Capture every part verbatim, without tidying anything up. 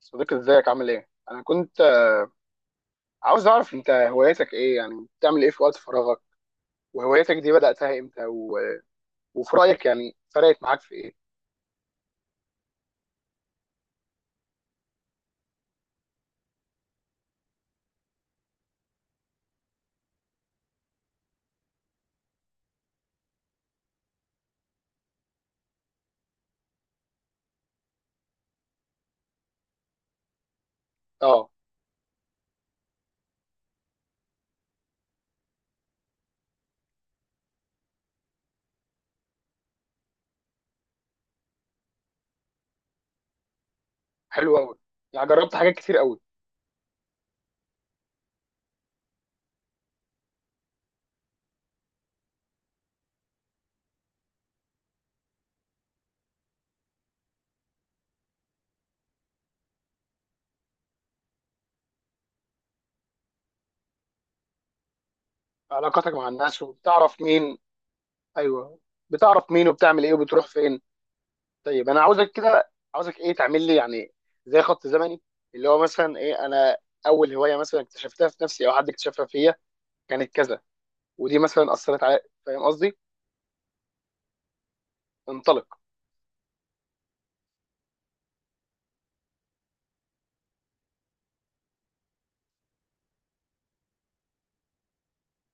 صديقي، ازيك عامل ايه؟ انا كنت آه، عاوز اعرف انت هواياتك ايه، يعني بتعمل ايه في وقت فراغك؟ وهواياتك دي بدأتها امتى؟ و... وفي رأيك يعني فرقت معاك في ايه؟ اه. حلو قوي، يعني جربت حاجات كتير قوي. علاقاتك مع الناس، وبتعرف مين؟ ايوه. بتعرف مين، وبتعمل ايه، وبتروح فين؟ طيب انا عاوزك كده، عاوزك ايه تعمل لي يعني زي خط زمني، اللي هو مثلا ايه. انا اول هواية مثلا اكتشفتها في نفسي او حد اكتشفها فيا كانت كذا، ودي مثلا اثرت على. فاهم قصدي؟ انطلق.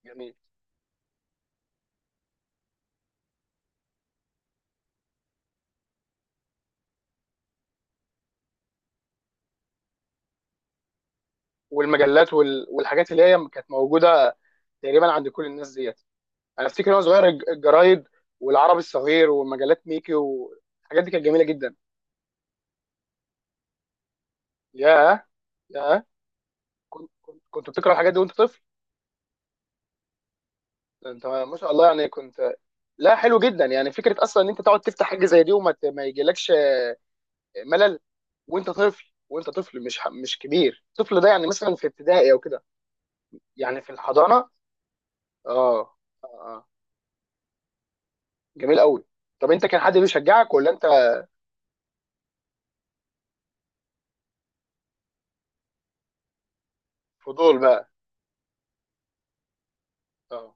يعني والمجلات وال... والحاجات اللي هي كانت موجوده تقريبا عند كل الناس ديت. انا افتكر وانا صغير الج- الجرايد والعربي الصغير ومجلات ميكي والحاجات دي كانت جميله جدا. ياه، ياه. كنت كنت كنت بتقرا الحاجات دي وانت طفل؟ ده انت ما شاء الله، يعني كنت. لا، حلو جدا. يعني فكره اصلا ان انت تقعد تفتح حاجه زي دي، وما ت- ما يجيلكش ملل وانت طفل، وانت طفل مش ح- مش كبير، الطفل ده يعني مثلا في ابتدائي او كده؟ يعني في الحضانه؟ اه. اه آه. جميل قوي. طب انت كان حد بيشجعك ولا انت؟ فضول بقى. اه.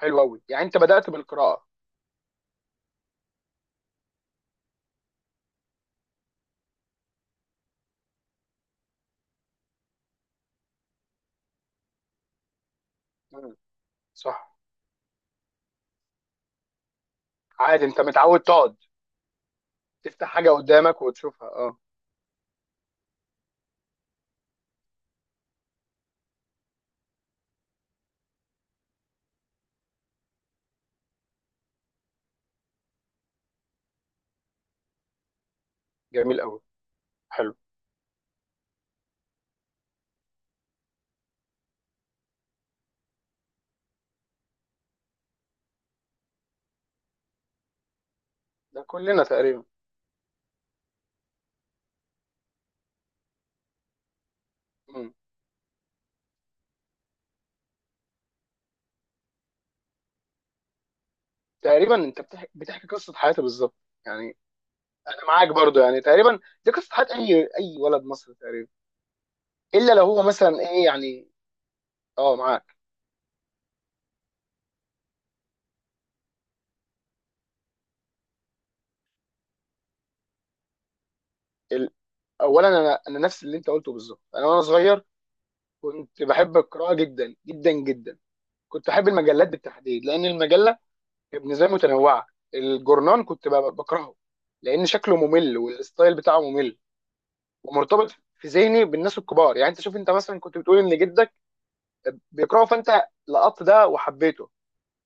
حلو قوي، يعني انت بدأت بالقراءة. مم. صح. عادي، انت متعود تقعد تفتح حاجة قدامك وتشوفها. اه. جميل قوي. حلو. ده كلنا تقريبا. مم. تقريبا انت بتحكي, بتحكي قصة حياتي بالظبط، يعني انا معاك برضو. يعني تقريبا دي قصة حياة اي اي ولد مصري تقريبا. الا لو هو مثلا ايه يعني. اه، معاك. ال... اولا انا انا نفس اللي انت قلته بالظبط. انا وانا صغير كنت بحب القراءة جدا جدا جدا. كنت احب المجلات بالتحديد، لان المجلة بالنسبه لي متنوعه. الجورنان كنت ب- بكرهه، لان شكله ممل والستايل بتاعه ممل ومرتبط في ذهني بالناس الكبار. يعني انت شوف، انت مثلا كنت بتقول ان جدك بيكرهه، فانت لقطت ده وحبيته.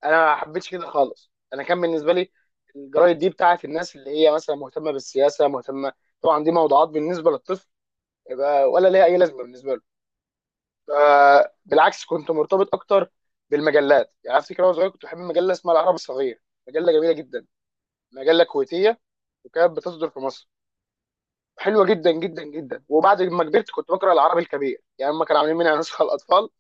انا ما حبيتش كده خالص. انا كان بالنسبه لي الجرايد دي بتاعت الناس اللي هي مثلا مهتمه بالسياسه، مهتمه. طبعا دي موضوعات بالنسبه للطفل، يبقى ولا ليها اي لازمه بالنسبه له. ف- بالعكس، كنت مرتبط اكتر بالمجلات. يعني افتكر وانا صغير كنت بحب مجله اسمها العرب الصغير، مجله جميله جدا، مجله كويتيه، وكانت بتصدر في مصر. حلوه جدا جدا جدا. وبعد ما كبرت كنت بقرا العربي الكبير. يعني هم كانوا عاملين منها نسخه الاطفال،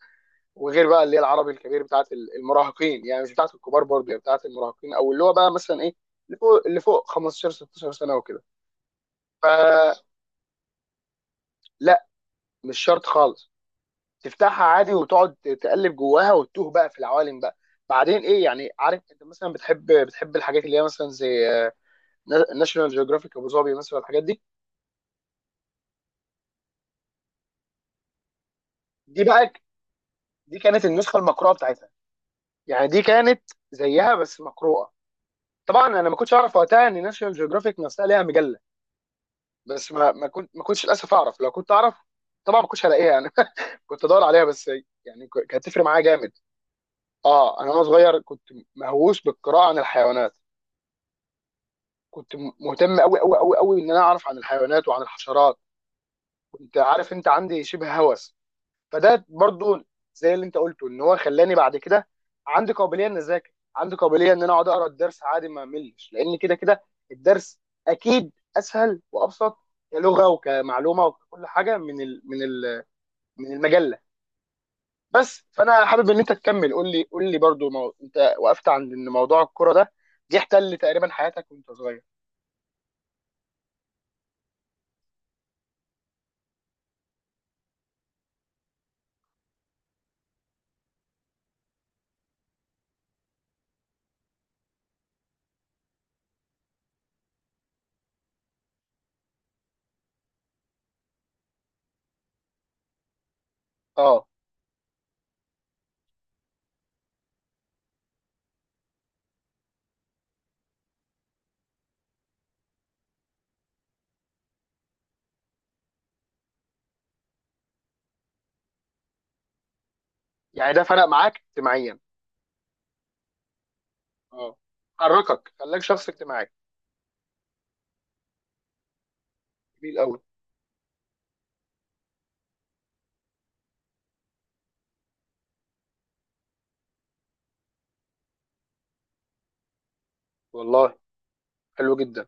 وغير بقى اللي هي العربي الكبير بتاعت المراهقين، يعني مش بتاعت الكبار برضه، يعني بتاعت المراهقين او اللي هو بقى مثلا ايه، اللي فوق اللي فوق خمسة عشر ستة عشر سنه وكده. فلا، مش شرط خالص. تفتحها عادي وتقعد تقلب جواها وتتوه بقى في العوالم بقى. بعدين ايه؟ يعني عارف انت مثلا بتحب بتحب الحاجات اللي هي مثلا زي ناشونال جيوغرافيك ابو ظبي مثلا، الحاجات دي. دي بقى دي كانت النسخه المقروءه بتاعتها، يعني دي كانت زيها بس مقروءه. طبعا انا ما كنتش اعرف وقتها ان ناشونال جيوغرافيك نفسها ليها مجله. بس ما ما كنت ما كنتش للاسف اعرف. لو كنت اعرف، طبعا ما كنتش هلاقيها يعني كنت ادور عليها بس. يعني ك- كانت تفرق معايا جامد. اه، انا وانا صغير كنت مهووس بالقراءه عن الحيوانات. كنت مهتم قوي قوي قوي قوي ان انا اعرف عن الحيوانات وعن الحشرات. كنت، عارف انت، عندي شبه هوس. فده برضو زي اللي انت قلته، ان هو خلاني بعد كده عندي قابليه ان اذاكر، عندي قابليه ان انا اقعد اقرا الدرس عادي ما املش، لان كده كده الدرس اكيد اسهل وابسط كلغه وكمعلومه وكل حاجه، من ال من ال من المجله. بس فانا حابب ان انت تكمل. قول لي قول لي برضو. مو... انت وقفت عند ان موضوع الكوره ده، دي احتل تقريبا حياتك وانت صغير. اه. يعني ده فرق معاك اجتماعيا. اه، حركك، خلاك شخص اجتماعي. جميل قوي. والله حلو جدا.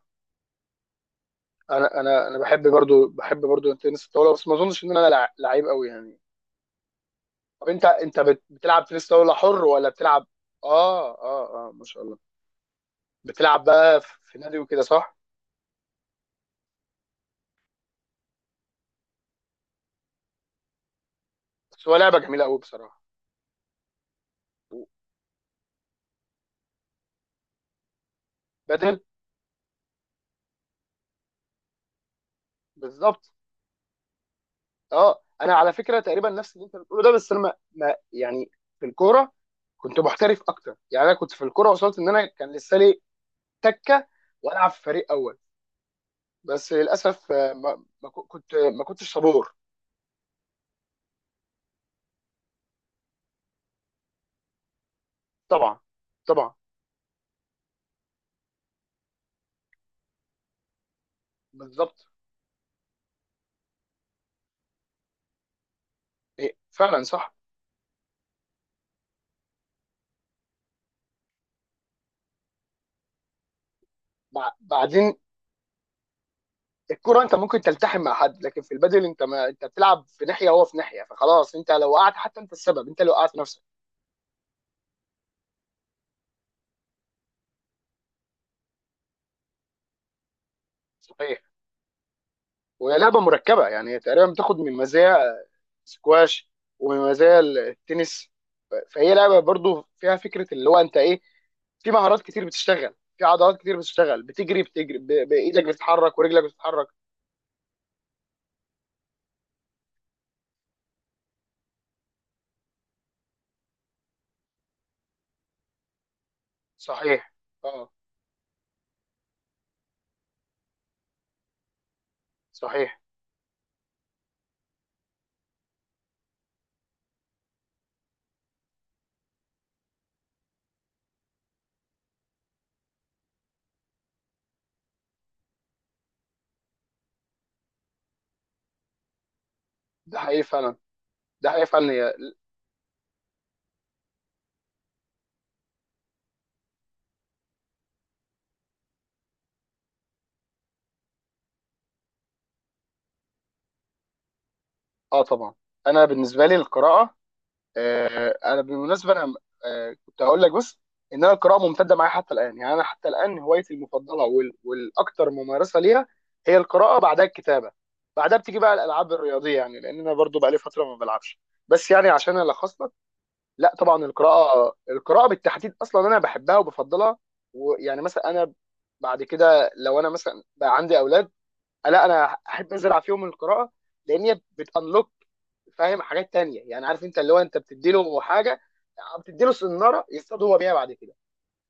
انا انا انا بحب برضو بحب برضو تنس الطاوله، بس ما اظنش ان انا لع- لعيب قوي يعني. طب انت انت بت- بتلعب تنس طاوله حر ولا بتلعب؟ اه اه اه، ما شاء الله. بتلعب بقى في في نادي وكده، صح؟ بس هو لعبه جميله قوي بصراحه. بدل، بالظبط اه. انا على فكره تقريبا نفس اللي انت بتقوله ده. بس انا ما ما- يعني في الكوره كنت محترف اكتر. يعني انا كنت في الكوره وصلت ان انا كان لسه لي تكه، والعب في فريق اول. بس للاسف آه، ما ما كو- كنت ما كنتش صبور. طبعا، طبعا، بالظبط. إيه، فعلا صح. بع- بعدين الكرة انت ممكن تلتحم مع حد، لكن في البادل انت، ما انت بتلعب في ناحية وهو في ناحية، فخلاص انت لو وقعت حتى، انت السبب، انت اللي وقعت نفسك. صحيح. وهي لعبة مركبة، يعني هي تقريبا بتاخد من مزايا سكواش ومن مزايا التنس. ف- فهي لعبة برضو فيها فكرة اللي هو انت ايه، في مهارات كتير بتشتغل، في عضلات كتير بتشتغل، بتجري بتجري ب- بايدك بتتحرك ورجلك بتتحرك. صحيح. اه. صحيح. ده حقيقي فعلا. ده حقيقي فعلا. اه طبعا. انا بالنسبه لي القراءه. آه انا بالمناسبه انا، آه كنت هقول لك بس ان انا القراءه ممتده معايا حتى الان. يعني انا حتى الان هوايتي المفضله وال والاكثر ممارسه ليها هي القراءه، بعدها الكتابه، بعدها بتيجي بقى الالعاب الرياضيه، يعني لان انا برضو بقى لي فتره ما بلعبش. بس يعني عشان الخص لك، لا طبعا القراءه القراءه بالتحديد اصلا انا بحبها وبفضلها. ويعني مثلا انا بعد كده لو انا مثلا بقى عندي اولاد، لا انا احب انزل في يوم القراءه، لان هي بتانلوك، فاهم، حاجات تانية. يعني عارف انت، اللي هو انت بتدي له حاجه، بتدي له سناره يصطاد هو بيها بعد كده.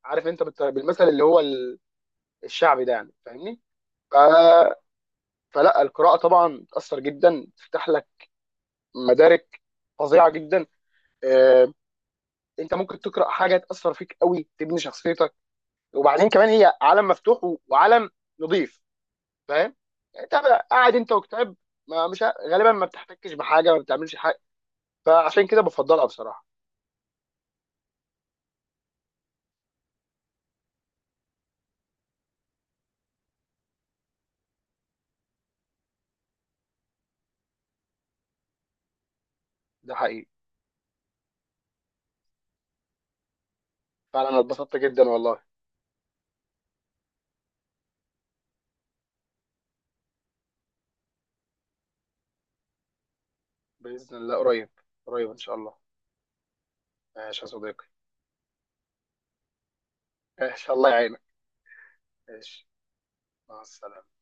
عارف انت بالت- بالمثل اللي هو ال- الشعبي ده، يعني فاهمني. ف... فلا، القراءه طبعا بتاثر جدا، تفتح لك مدارك فظيعه جدا. آه، انت ممكن تقرا حاجه تاثر فيك قوي، تبني شخصيتك. وبعدين كمان هي عالم مفتوح و- وعالم نظيف، فاهم. يعني انت قاعد انت وكتاب، ما مش ه- غالبا ما بتحتكش بحاجه، ما بتعملش حاجه. فعشان كده بفضلها بصراحه. ده حقيقي فعلا. انا اتبسطت جدا والله. باذن الله قريب. قريب ان شاء الله. ماشي يا صديقي، ان شاء الله يعينك. ماشي. مع السلامه.